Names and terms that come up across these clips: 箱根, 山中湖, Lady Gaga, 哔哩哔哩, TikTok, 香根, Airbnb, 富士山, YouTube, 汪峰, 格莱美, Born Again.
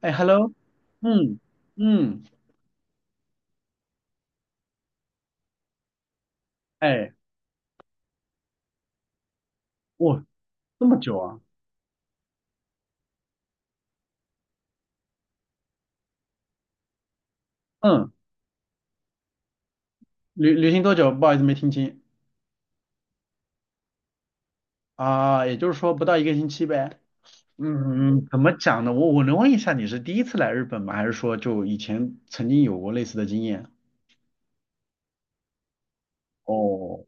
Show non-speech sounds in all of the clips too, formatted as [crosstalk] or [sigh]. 哎，hello，嗯嗯，哎，哇，这么久啊，嗯，旅行多久？不好意思，没听清。啊，也就是说不到一个星期呗。嗯，怎么讲呢？我能问一下，你是第一次来日本吗？还是说就以前曾经有过类似的经验？哦，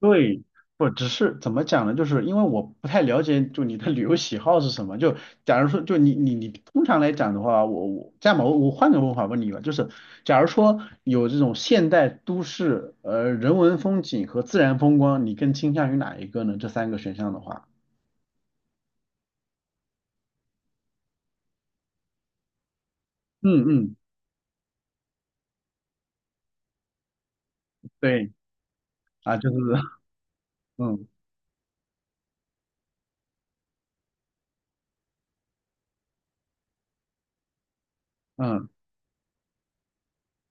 对，不只是怎么讲呢？就是因为我不太了解，就你的旅游喜好是什么。就假如说，就你通常来讲的话，我这样吧，我换个问法问你吧，就是假如说有这种现代都市，人文风景和自然风光，你更倾向于哪一个呢？这三个选项的话，嗯嗯，对啊，就是 [laughs] 嗯嗯。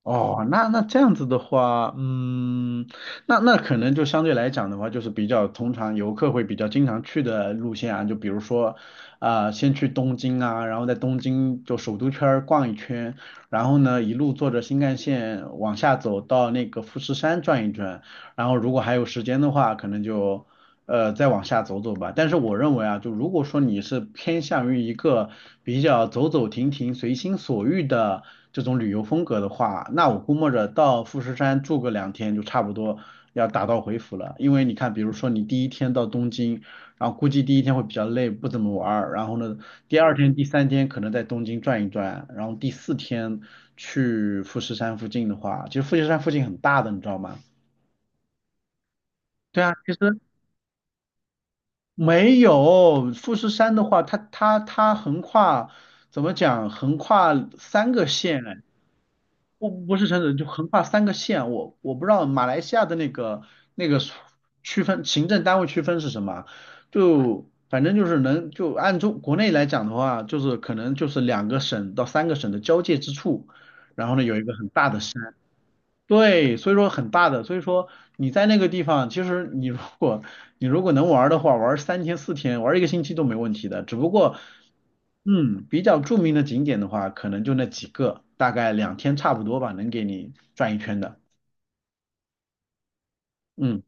哦，那那这样子的话，嗯，那那可能就相对来讲的话，就是比较通常游客会比较经常去的路线啊，就比如说，啊、先去东京啊，然后在东京就首都圈儿逛一圈，然后呢一路坐着新干线往下走到那个富士山转一转，然后如果还有时间的话，可能就。再往下走走吧。但是我认为啊，就如果说你是偏向于一个比较走走停停、随心所欲的这种旅游风格的话，那我估摸着到富士山住个2天就差不多要打道回府了。因为你看，比如说你第一天到东京，然后估计第一天会比较累，不怎么玩儿。然后呢，第二天、第三天可能在东京转一转，然后第四天去富士山附近的话，其实富士山附近很大的，你知道吗？对啊，其实。没有，富士山的话，它横跨怎么讲？横跨三个县，哎不是城市，就横跨三个县。我不知道马来西亚的那个那个区分，行政单位区分是什么？就反正就是能就按中国内来讲的话，就是可能就是2个省到3个省的交界之处，然后呢有一个很大的山。对，所以说很大的，所以说你在那个地方，其实你如果能玩儿的话，玩儿3天4天，玩儿一个星期都没问题的。只不过，嗯，比较著名的景点的话，可能就那几个，大概2天差不多吧，能给你转一圈的。嗯，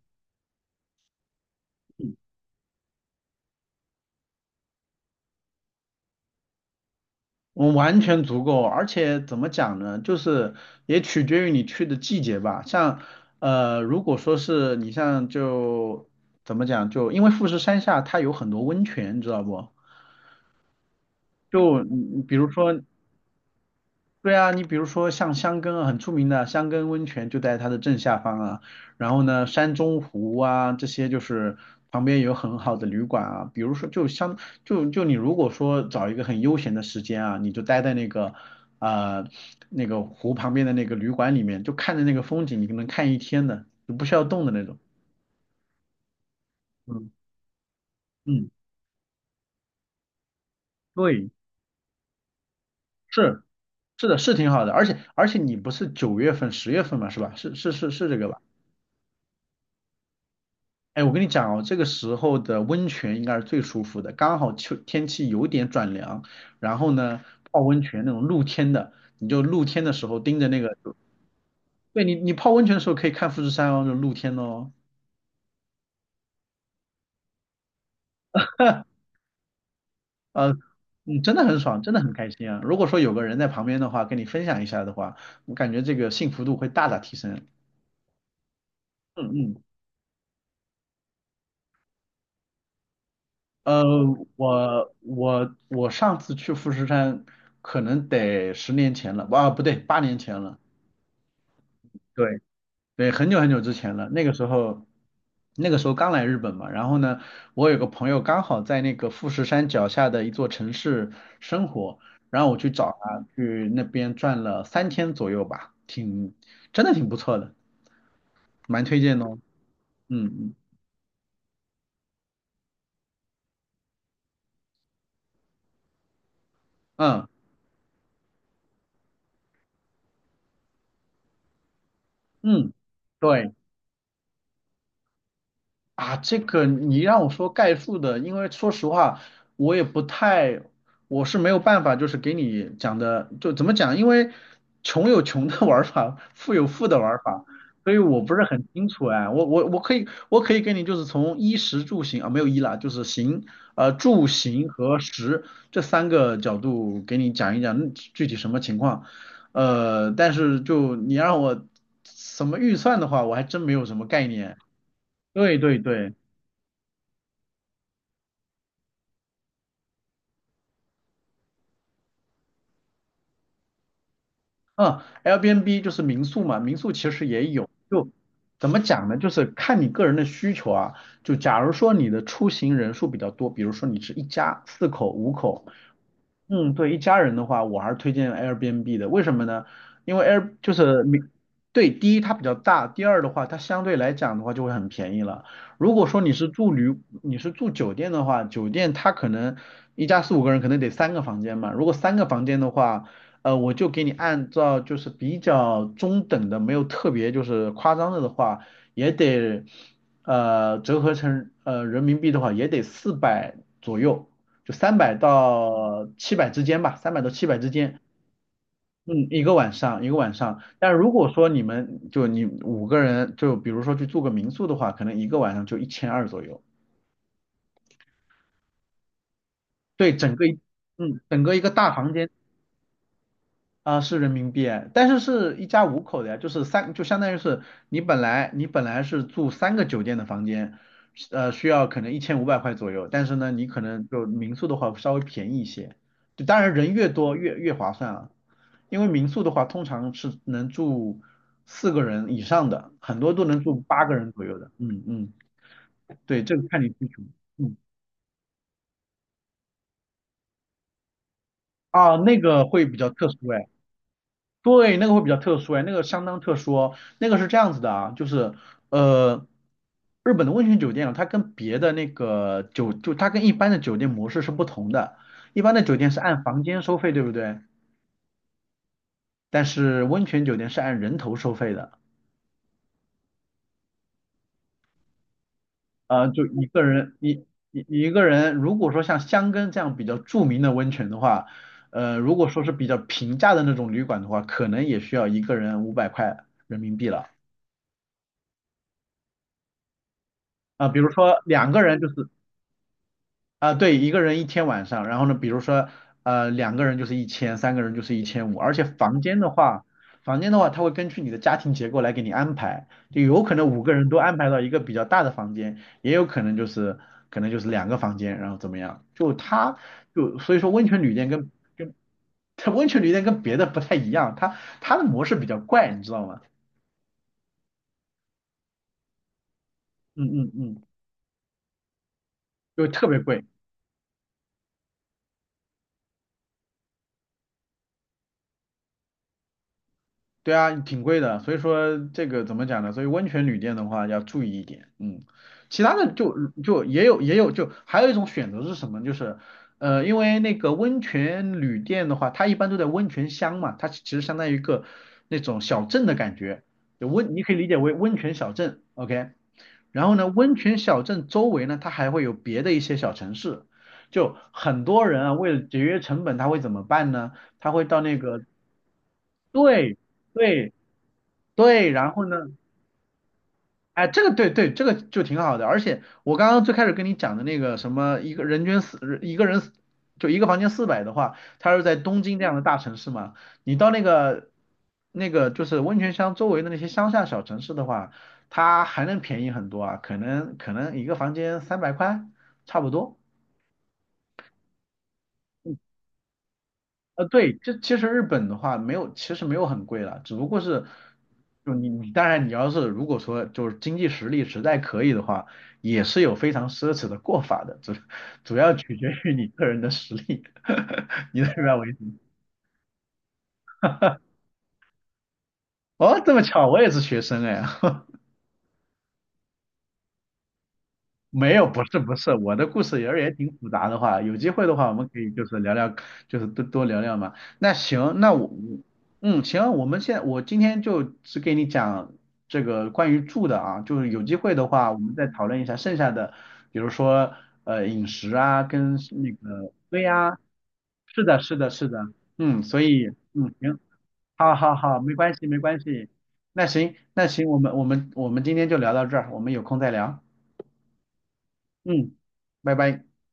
我完全足够，而且怎么讲呢，就是也取决于你去的季节吧。像如果说是你像就怎么讲，就因为富士山下它有很多温泉，你知道不？就你比如说，对啊，你比如说像香根啊，很出名的香根温泉就在它的正下方啊，然后呢，山中湖啊这些就是旁边有很好的旅馆啊，比如说就相就你如果说找一个很悠闲的时间啊，你就待在那个呃那个湖旁边的那个旅馆里面，就看着那个风景，你就能看一天的，就不需要动的那种。嗯嗯，对，是是的，是挺好的，而且你不是9月份、10月份嘛，是吧？是是是是这个吧？哎，我跟你讲哦，这个时候的温泉应该是最舒服的，刚好秋天气有点转凉，然后呢，泡温泉那种露天的，你就露天的时候盯着那个，对你，你泡温泉的时候可以看富士山哦，就露天哦，呃，嗯，真的很爽，真的很开心啊。如果说有个人在旁边的话，跟你分享一下的话，我感觉这个幸福度会大大提升。嗯嗯，呃，我上次去富士山可能得10年前了，啊，不对，8年前了。对。对，很久很久之前了，那个时候，那个时候刚来日本嘛，然后呢，我有个朋友刚好在那个富士山脚下的一座城市生活，然后我去找他，去那边转了3天左右吧，挺，真的挺不错的，蛮推荐的哦。嗯嗯嗯嗯，对。啊，这个你让我说概述的，因为说实话，我也不太，我是没有办法，就是给你讲的，就怎么讲，因为穷有穷的 [laughs] 玩法，富有富的玩法，所以我不是很清楚哎，我可以给你就是从衣食住行啊，没有衣啦，就是行，呃住行和食这3个角度给你讲一讲具体什么情况，但是就你让我什么预算的话，我还真没有什么概念，对对对。嗯，Airbnb 就是民宿嘛，民宿其实也有，就怎么讲呢？就是看你个人的需求啊。就假如说你的出行人数比较多，比如说你是一家四口、五口，嗯，对，一家人的话，我还是推荐 Airbnb 的。为什么呢？因为 Air 就是民，对，第一它比较大，第二的话，它相对来讲的话就会很便宜了。如果说你是住旅，你是住酒店的话，酒店它可能一家四五个人可能得三个房间嘛，如果三个房间的话。我就给你按照就是比较中等的，没有特别就是夸张的的话，也得折合成人民币的话，也得400左右，就三百到七百之间吧，三百到七百之间。嗯，一个晚上，一个晚上。但如果说你们就你五个人，就比如说去住个民宿的话，可能一个晚上就1200左右。对，整个一嗯，整个一个大房间。啊，是人民币哎但是是一家五口的呀，就是三，就相当于是你本来是住3个酒店的房间，需要可能1500块左右，但是呢，你可能就民宿的话稍微便宜一些，就当然人越多越划算啊，因为民宿的话通常是能住4个人以上的，很多都能住8个人左右的，嗯嗯，对，这个看你需求，嗯，啊，那个会比较特殊哎。对，那个会比较特殊哎，那个相当特殊哦那个是这样子的啊，就是呃，日本的温泉酒店啊，它跟别的那个酒，就它跟一般的酒店模式是不同的。一般的酒店是按房间收费，对不对？但是温泉酒店是按人头收费的。就一个人，你一个人，如果说像箱根这样比较著名的温泉的话，如果说是比较平价的那种旅馆的话，可能也需要一个人500块人民币了。啊、比如说两个人就是啊，对，一个人一天晚上，然后呢，比如说，2个人就是1000，3个人就是1500，而且房间的话，房间的话，它会根据你的家庭结构来给你安排，就有可能五个人都安排到一个比较大的房间，也有可能就是可能就是2个房间，然后怎么样，就它就所以说温泉旅店跟跟 [laughs] 它温泉旅店跟别的不太一样，它的模式比较怪，你知道吗？嗯嗯嗯，就特别贵。对啊，挺贵的，所以说这个怎么讲呢？所以温泉旅店的话要注意一点，嗯，其他的就也有就还有一种选择是什么？就是因为那个温泉旅店的话，它一般都在温泉乡嘛，它其实相当于一个那种小镇的感觉，就温你可以理解为温泉小镇，OK。然后呢，温泉小镇周围呢，它还会有别的一些小城市。就很多人啊，为了节约成本，他会怎么办呢？他会到那个对对对，然后呢，哎，这个对对，这个就挺好的。而且我刚刚最开始跟你讲的那个什么，一个人均四，一个人四就一个房间400的话，它是在东京这样的大城市嘛。你到那个那个就是温泉乡周围的那些乡下小城市的话，它还能便宜很多啊，可能一个房间300块差不多。对，这其实日本的话没有，其实没有很贵了，只不过是，就你当然你要是如果说就是经济实力实在可以的话，也是有非常奢侈的过法的，主要取决于你个人的实力，[laughs] 你明白我意思吗？哦，这么巧，我也是学生哎，[laughs] 没有，不是不是，我的故事也挺复杂的话，有机会的话，我们可以就是聊聊，就是多多聊聊嘛。那行，那我，我嗯，行，我们现我今天就只给你讲这个关于住的啊，就是有机会的话，我们再讨论一下剩下的，比如说饮食啊，跟那个对呀、是的，是的，是的，嗯，所以嗯行，好好好，没关系没关系，那行那行，我们今天就聊到这儿，我们有空再聊。嗯，拜拜。